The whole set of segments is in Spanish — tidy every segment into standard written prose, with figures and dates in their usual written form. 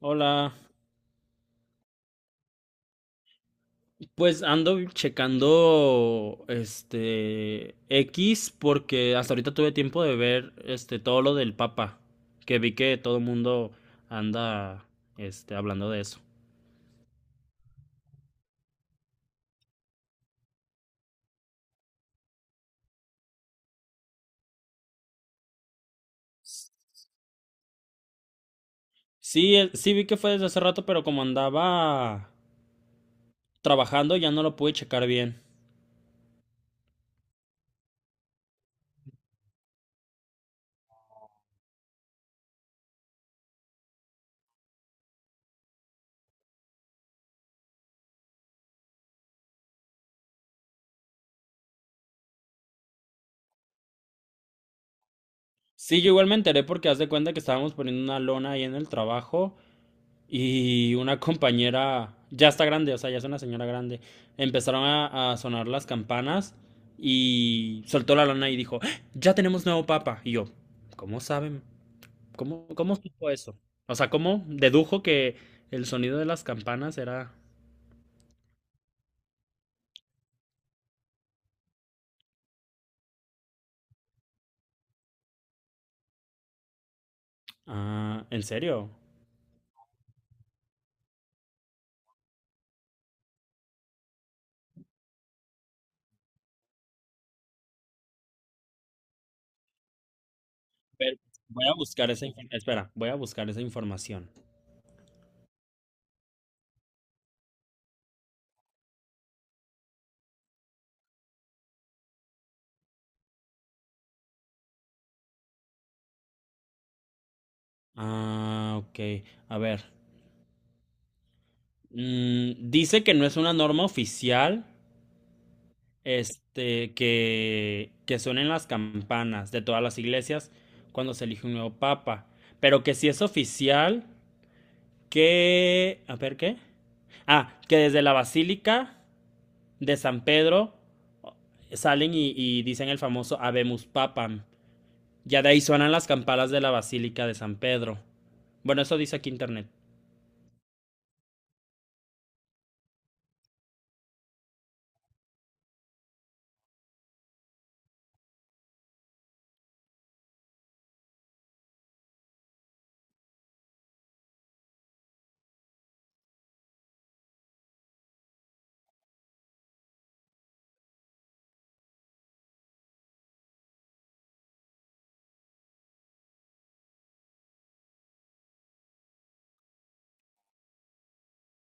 Hola, pues ando checando X porque hasta ahorita tuve tiempo de ver todo lo del Papa, que vi que todo el mundo anda hablando de eso. Sí, sí vi que fue desde hace rato, pero como andaba trabajando ya no lo pude checar bien. Sí, yo igual me enteré porque haz de cuenta que estábamos poniendo una lona ahí en el trabajo. Y una compañera, ya está grande, o sea, ya es una señora grande, empezaron a sonar las campanas y soltó la lana y dijo, "¡Ah! Ya tenemos nuevo papa." Y yo, ¿cómo saben? ¿Cómo supo eso? O sea, ¿cómo dedujo que el sonido de las campanas era...? Ah, ¿en serio? Ver, voy a buscar esa información. Espera, voy a buscar esa información. Ah, ok. A ver. Mm, dice que no es una norma oficial. Que suenen las campanas de todas las iglesias cuando se elige un nuevo papa. Pero que si es oficial, que... A ver, ¿qué? Ah, que desde la Basílica de San Pedro salen y dicen el famoso Habemus Papam. Ya de ahí suenan las campanas de la Basílica de San Pedro. Bueno, eso dice aquí internet.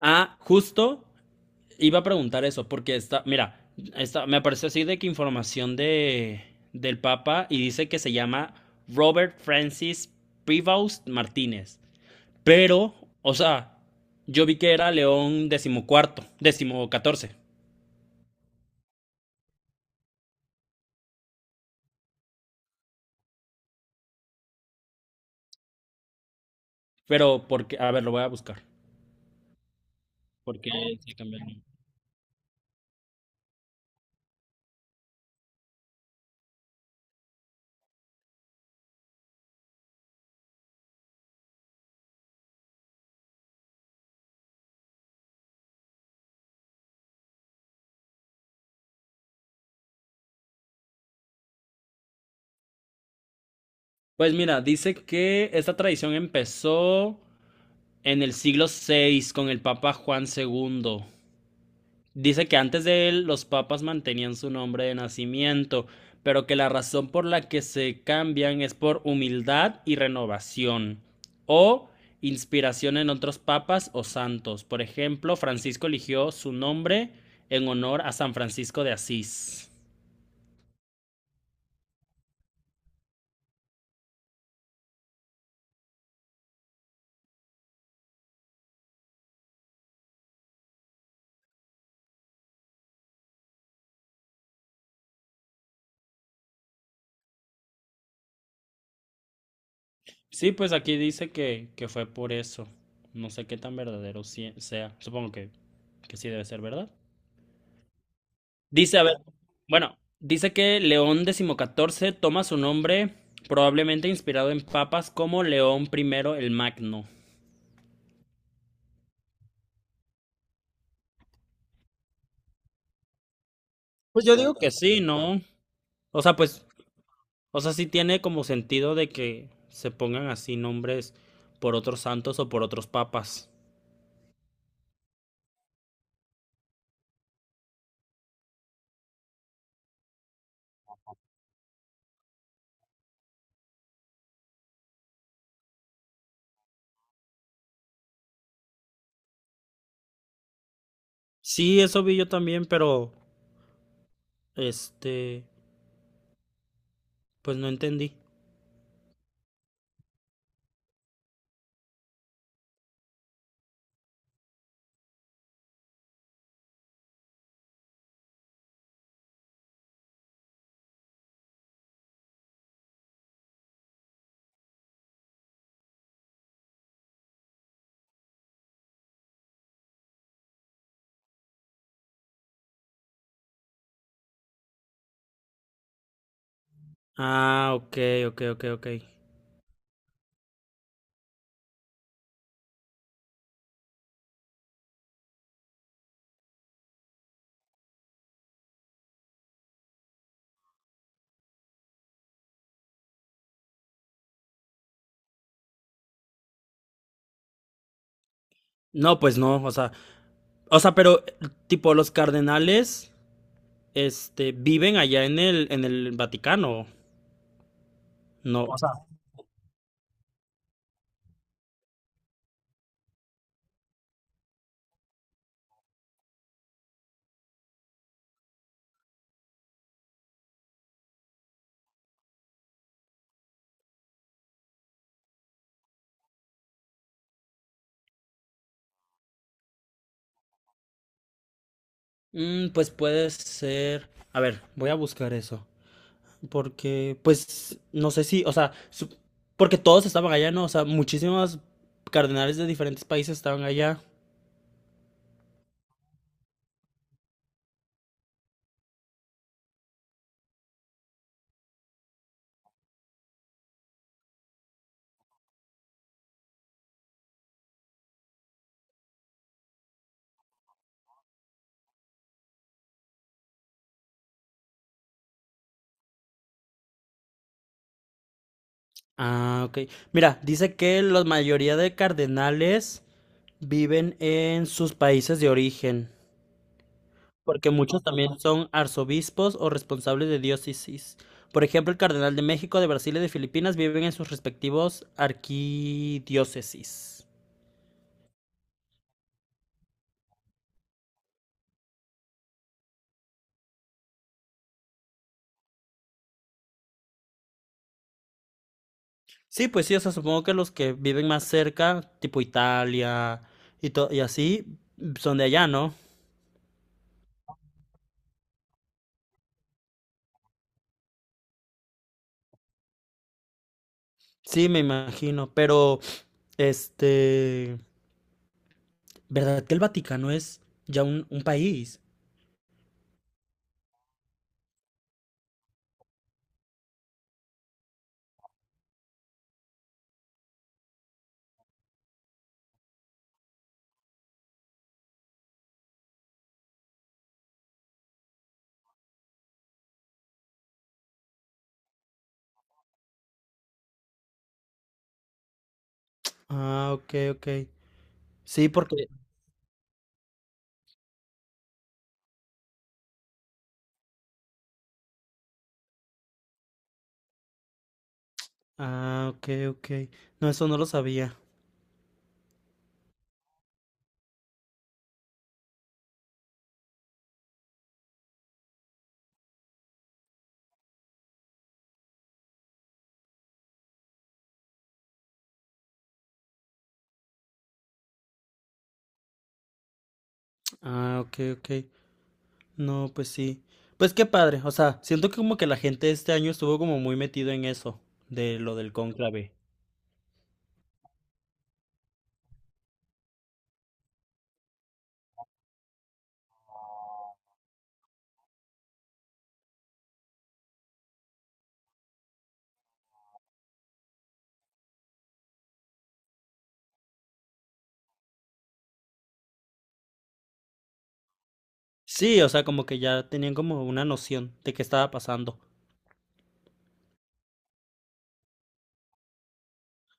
Ah, justo iba a preguntar eso, porque está, mira, está, me apareció así de que información de, del Papa y dice que se llama Robert Francis Prevost Martínez. Pero, o sea, yo vi que era León decimocuarto, decimocatorce. Pero, porque, a ver, lo voy a buscar. Porque se cambió el nombre. Pues mira, dice que esta tradición empezó en el siglo VI con el Papa Juan segundo. Dice que antes de él los papas mantenían su nombre de nacimiento, pero que la razón por la que se cambian es por humildad y renovación o inspiración en otros papas o santos. Por ejemplo, Francisco eligió su nombre en honor a San Francisco de Asís. Sí, pues aquí dice que fue por eso. No sé qué tan verdadero sea. Supongo que sí debe ser verdad. Dice, a ver, bueno, dice que León XIV toma su nombre probablemente inspirado en papas como León primero el Magno. Pues yo digo que sí, ¿no? O sea, pues, o sea, sí tiene como sentido de que se pongan así nombres por otros santos o por otros papas. Sí, eso vi yo también, pero este, pues no entendí. Ah, ok, ok, ok, ok. No, pues no, o sea, pero tipo los cardenales viven allá en el Vaticano. No. O sea, mm, pues puede ser. A ver, voy a buscar eso. Porque, pues, no sé si, o sea, su- porque todos estaban allá, ¿no? O sea, muchísimos cardenales de diferentes países estaban allá. Ah, ok. Mira, dice que la mayoría de cardenales viven en sus países de origen, porque muchos también son arzobispos o responsables de diócesis. Por ejemplo, el cardenal de México, de Brasil y de Filipinas viven en sus respectivos arquidiócesis. Sí, pues sí, o sea, supongo que los que viven más cerca, tipo Italia y, to- y así, son de allá, ¿no? Sí, me imagino, pero, este, ¿verdad que el Vaticano es ya un país? Ah, ok, ok. Sí, porque... Ah, ok, ok. No, eso no lo sabía. Ah, ok, ok. No, pues sí. Pues qué padre. O sea, siento que como que la gente este año estuvo como muy metido en eso, de lo del cónclave. Sí, o sea, como que ya tenían como una noción de qué estaba pasando.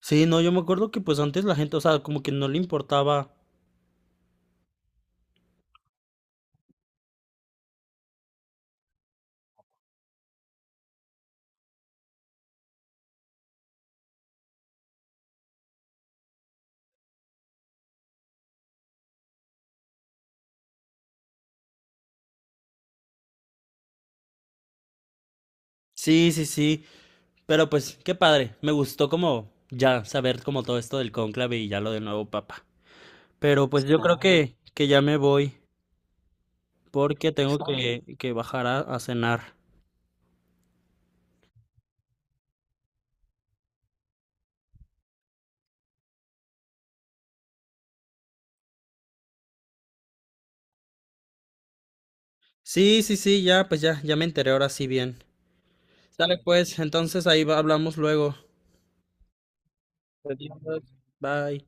Sí, no, yo me acuerdo que pues antes la gente, o sea, como que no le importaba. Sí, sí, sí. Pero pues qué padre. Me gustó como ya saber como todo esto del cónclave y ya lo del nuevo papa. Pero pues yo creo claro, que ya me voy porque tengo que bajar a cenar. Sí, sí, sí, ya, pues ya, ya me enteré ahora sí bien. Sale pues, entonces ahí va- hablamos luego. Adiós, bye.